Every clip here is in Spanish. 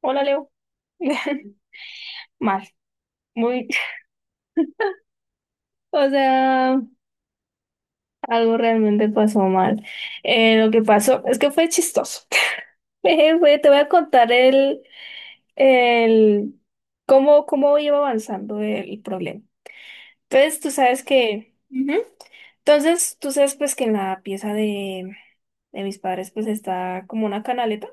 Hola, Leo. Mal, muy, o sea, algo realmente pasó mal. Lo que pasó es que fue chistoso. Te voy a contar el, cómo, cómo iba avanzando el problema. Entonces, tú sabes que, Ujú. Entonces, tú sabes pues que en la pieza de mis padres pues está como una canaleta.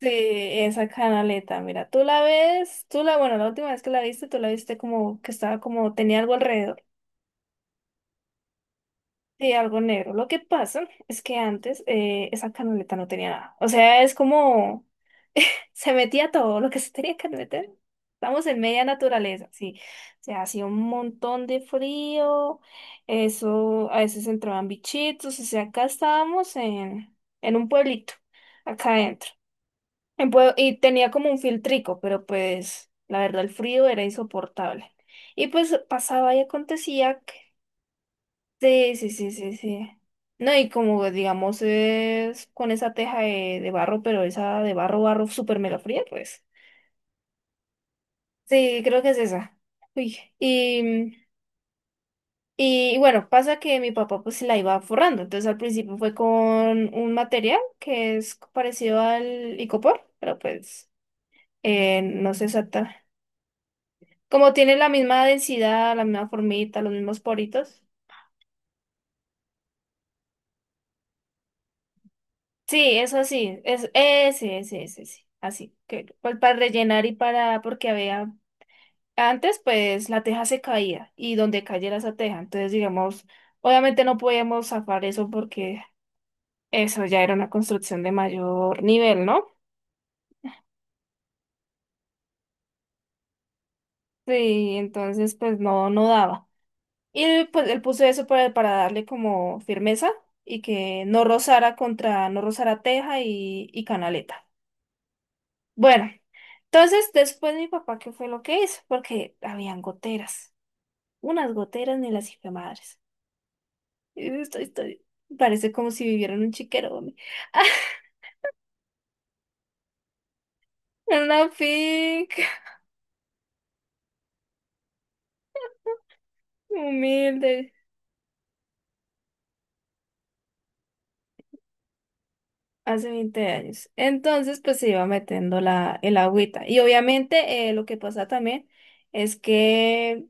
Sí, esa canaleta, mira, tú la ves, tú la, bueno, la última vez que la viste, tú la viste como que estaba como, tenía algo alrededor. Sí, algo negro. Lo que pasa es que antes esa canaleta no tenía nada. O sea, es como se metía todo lo que se tenía que meter. Estamos en media naturaleza, sí. O sea, hacía un montón de frío. Eso, a veces entraban bichitos. O sea, acá estábamos en un pueblito, acá adentro. Y tenía como un filtrico, pero pues la verdad el frío era insoportable. Y pues pasaba y acontecía. Sí, sí. No, y como digamos es con esa teja de barro, pero esa de barro, barro súper mega fría, pues. Sí, creo que es esa. Uy, y bueno, pasa que mi papá pues la iba forrando. Entonces al principio fue con un material que es parecido al icopor, pero pues no sé exacta. Como tiene la misma densidad, la misma formita, los mismos poritos, sí, eso sí, es ese, ese, así, que pues para rellenar y para, porque había, antes pues la teja se caía y donde cayera esa teja, entonces digamos, obviamente no podíamos zafar eso porque eso ya era una construcción de mayor nivel, ¿no? Sí, entonces pues no, no daba. Y pues él puso eso para darle como firmeza y que no rozara contra, no rozara teja y canaleta. Bueno, entonces después mi papá, ¿qué fue lo que hizo? Porque habían goteras, unas goteras ni las hice madres. Estoy, parece como si viviera en un chiquero, hombre. En una finca humilde hace 20 años. Entonces, pues se iba metiendo la, el agüita. Y obviamente, lo que pasa también es que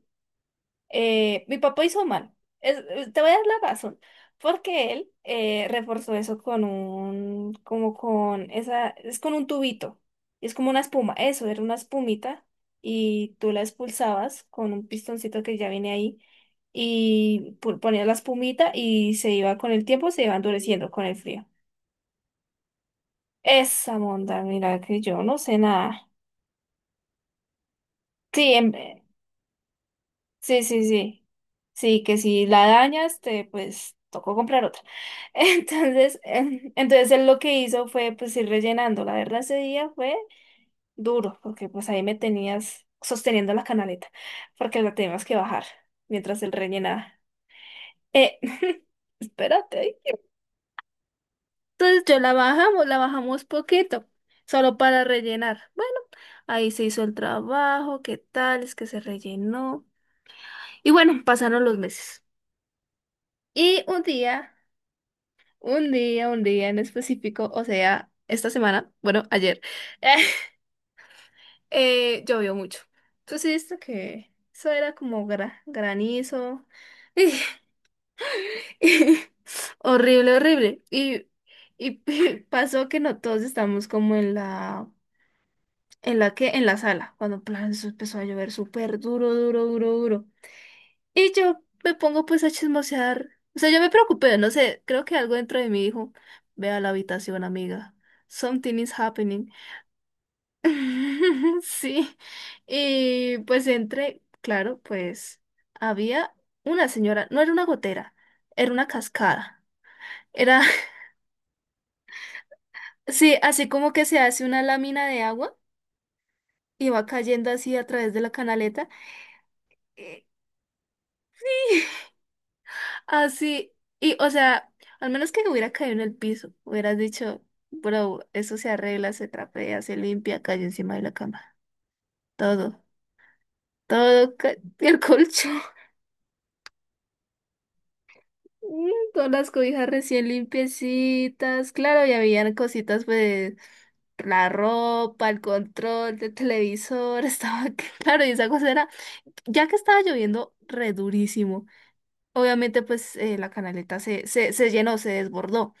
mi papá hizo mal. Te voy a dar la razón. Porque él reforzó eso con un, como con esa, es con un tubito. Es como una espuma. Eso, era una espumita. Y tú la expulsabas con un pistoncito que ya viene ahí. Ponías la espumita y se iba con el tiempo, se iba endureciendo con el frío. Esa monda, mira que yo no sé nada. Sí, sí, sí, sí. Sí, que si la dañas, te pues tocó comprar otra. Entonces, entonces él lo que hizo fue pues ir rellenando. La verdad ese día fue duro, porque pues ahí me tenías sosteniendo la canaleta, porque la teníamos que bajar mientras él rellenaba. Eh, Espérate. Ay. Entonces yo la bajamos poquito, solo para rellenar. Bueno, ahí se hizo el trabajo, qué tal, es que se rellenó. Y bueno, pasaron los meses. Y un día un día en específico, o sea, esta semana, bueno, ayer, llovió mucho. Tú sí viste que eso era como granizo. Horrible, horrible. Y pasó que no todos estamos como en la que, en la sala, cuando plan, eso empezó a llover súper duro, duro, duro, duro. Y yo me pongo pues a chismosear. O sea, yo me preocupé, no sé, creo que algo dentro de mí dijo, ve a la habitación, amiga. Something is happening. Sí. Y pues entré, claro, pues había una señora, no era una gotera, era una cascada. Era, sí, así como que se hace una lámina de agua y va cayendo así a través de la canaleta. Así, y o sea, al menos que hubiera caído en el piso, hubieras dicho, bro, eso se arregla, se trapea, se limpia, cae encima de la cama. Todo, todo, el colchón, mm, todas las cobijas recién limpiecitas, claro, y habían cositas, pues, la ropa, el control del televisor, estaba, claro, y esa cosa era, ya que estaba lloviendo re durísimo, obviamente, pues, la canaleta se llenó, se desbordó.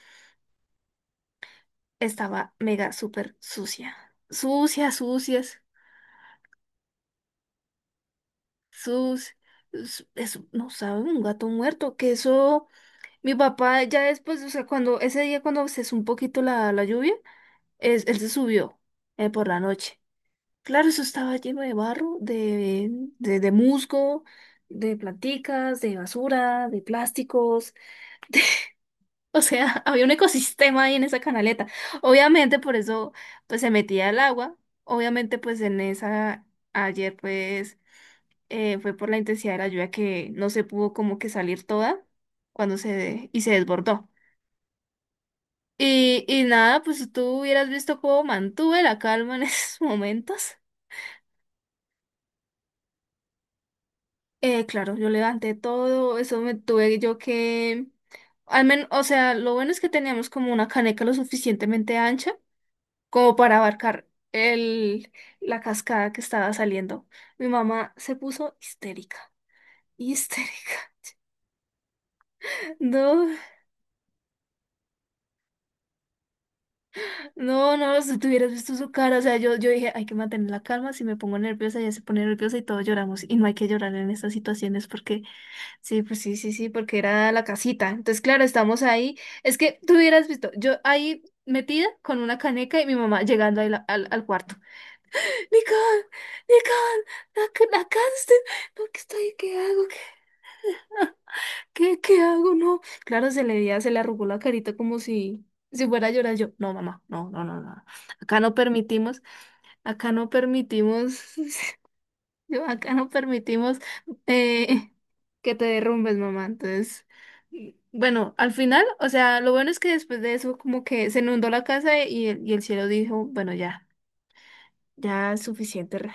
Estaba mega súper sucia. Sucia, sucias, sus... no sabe, un gato muerto, que eso, mi papá ya después, o sea, cuando, ese día cuando cesó un poquito la lluvia, él se subió por la noche. Claro, eso estaba lleno de barro, de musgo, de planticas, de basura, de plásticos. O sea, había un ecosistema ahí en esa canaleta. Obviamente, por eso, pues se metía el agua. Obviamente, pues en esa, ayer, pues, fue por la intensidad de la lluvia que no se pudo como que salir toda cuando se, y se desbordó. Y nada, pues si tú hubieras visto cómo mantuve la calma en esos momentos. Claro, yo levanté todo, eso me tuve yo que, al menos, o sea, lo bueno es que teníamos como una caneca lo suficientemente ancha como para abarcar la cascada que estaba saliendo. Mi mamá se puso histérica, histérica. No, no, no, si tú hubieras visto su cara, o sea, yo dije, hay que mantener la calma, si me pongo nerviosa, ella se pone nerviosa y todos lloramos, y no hay que llorar en estas situaciones porque, sí, pues sí, sí, sí, porque era la casita. Entonces, claro, estamos ahí, es que tú hubieras visto, yo ahí metida con una caneca y mi mamá llegando ahí al cuarto. Nicole, Nicole, nacaste, no, ¿qué estoy? ¿Qué hago? ¿Qué, qué, qué hago? No. Claro, se le veía, se le arrugó la carita como si, si fuera a llorar yo. No, mamá, no, no, no, no, no. Acá no permitimos, acá no permitimos, yo acá no permitimos eh, que te derrumbes, mamá. Entonces, bueno, al final, o sea, lo bueno es que después de eso como que se inundó la casa y el cielo dijo, bueno, ya, ya es suficiente.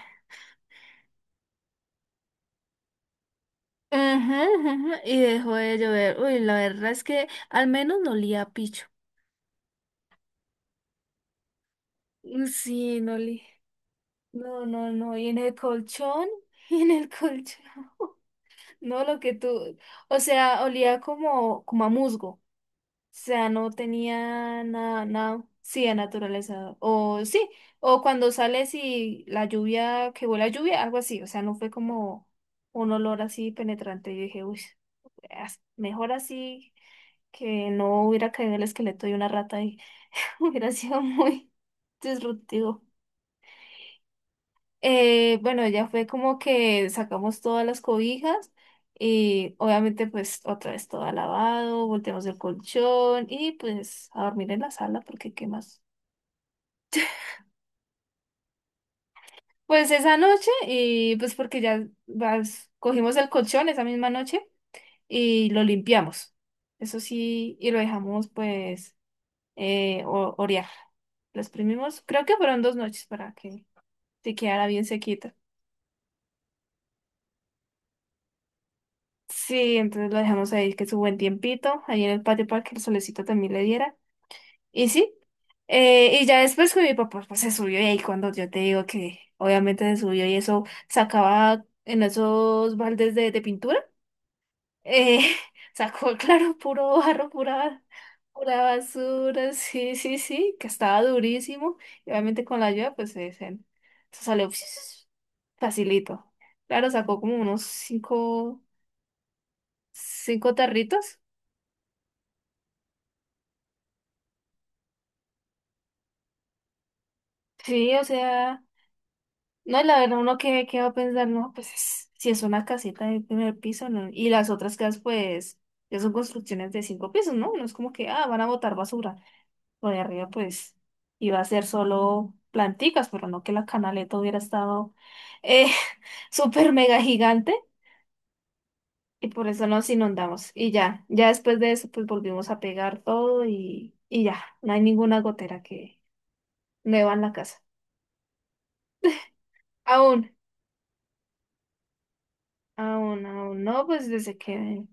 Ajá, ajá, y dejó de llover. Uy, la verdad es que al menos no olía a picho. Sí, no, no, no, no, y en el colchón, y en el colchón, no, lo que tú, o sea, olía como, como a musgo, o sea, no tenía nada, nada, sí, a naturaleza, o sí, o cuando sales y la lluvia, que huele a lluvia, algo así, o sea, no fue como un olor así penetrante, yo dije, uy, mejor así que no hubiera caído el esqueleto de una rata ahí. Hubiera sido muy disruptivo. Bueno, ya fue como que sacamos todas las cobijas y obviamente pues otra vez todo lavado, volteamos el colchón y pues a dormir en la sala porque qué más. Pues esa noche y pues porque cogimos el colchón esa misma noche y lo limpiamos. Eso sí, y lo dejamos pues orear. Lo exprimimos, creo que fueron 2 noches para que se quedara bien sequita. Sí, entonces lo dejamos ahí que su buen tiempito, ahí en el patio para que el solecito también le diera. Y sí, y ya después con mi papá pues se subió y ahí cuando yo te digo que obviamente se subió y eso sacaba en esos baldes de pintura. Eh, Sacó, claro, puro barro, pura, pura basura, sí, sí, sí, que estaba durísimo. Y obviamente con la ayuda, pues se salió facilito. Claro, sacó como unos cinco, cinco tarritos. Sí, o sea, no, la verdad, uno que va a pensar, no, pues si es una casita de primer piso, ¿no? Y las otras casas, pues, ya son construcciones de 5 pisos, ¿no? No es como que, ah, van a botar basura. Lo de arriba, pues, iba a ser solo planticas, pero no que la canaleta hubiera estado eh, súper mega gigante y por eso nos inundamos. Y ya, ya después de eso, pues volvimos a pegar todo y ya, no hay ninguna gotera que nueva en la casa. Aún, aún, aún, no, pues desde que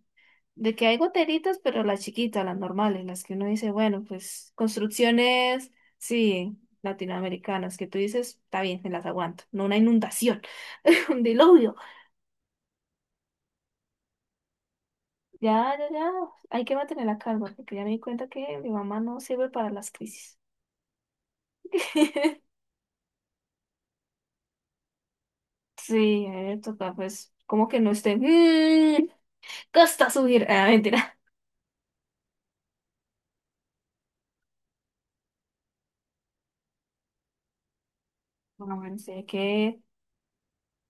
de que hay goteritas, pero las chiquitas, las normales, las que uno dice, bueno, pues construcciones, sí, latinoamericanas, que tú dices, está bien, me las aguanto, no una inundación, un diluvio. Ya, ya, hay que mantener la calma, porque ya me di cuenta que mi mamá no sirve para las crisis. Sí, a ver, toca, pues, como que no esté, mmm, cuesta subir, ah, mentira. Bueno, bueno, sí, hay que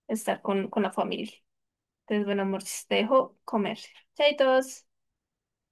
estar con la familia. Entonces, bueno, amor, te dejo comer. Chaitos.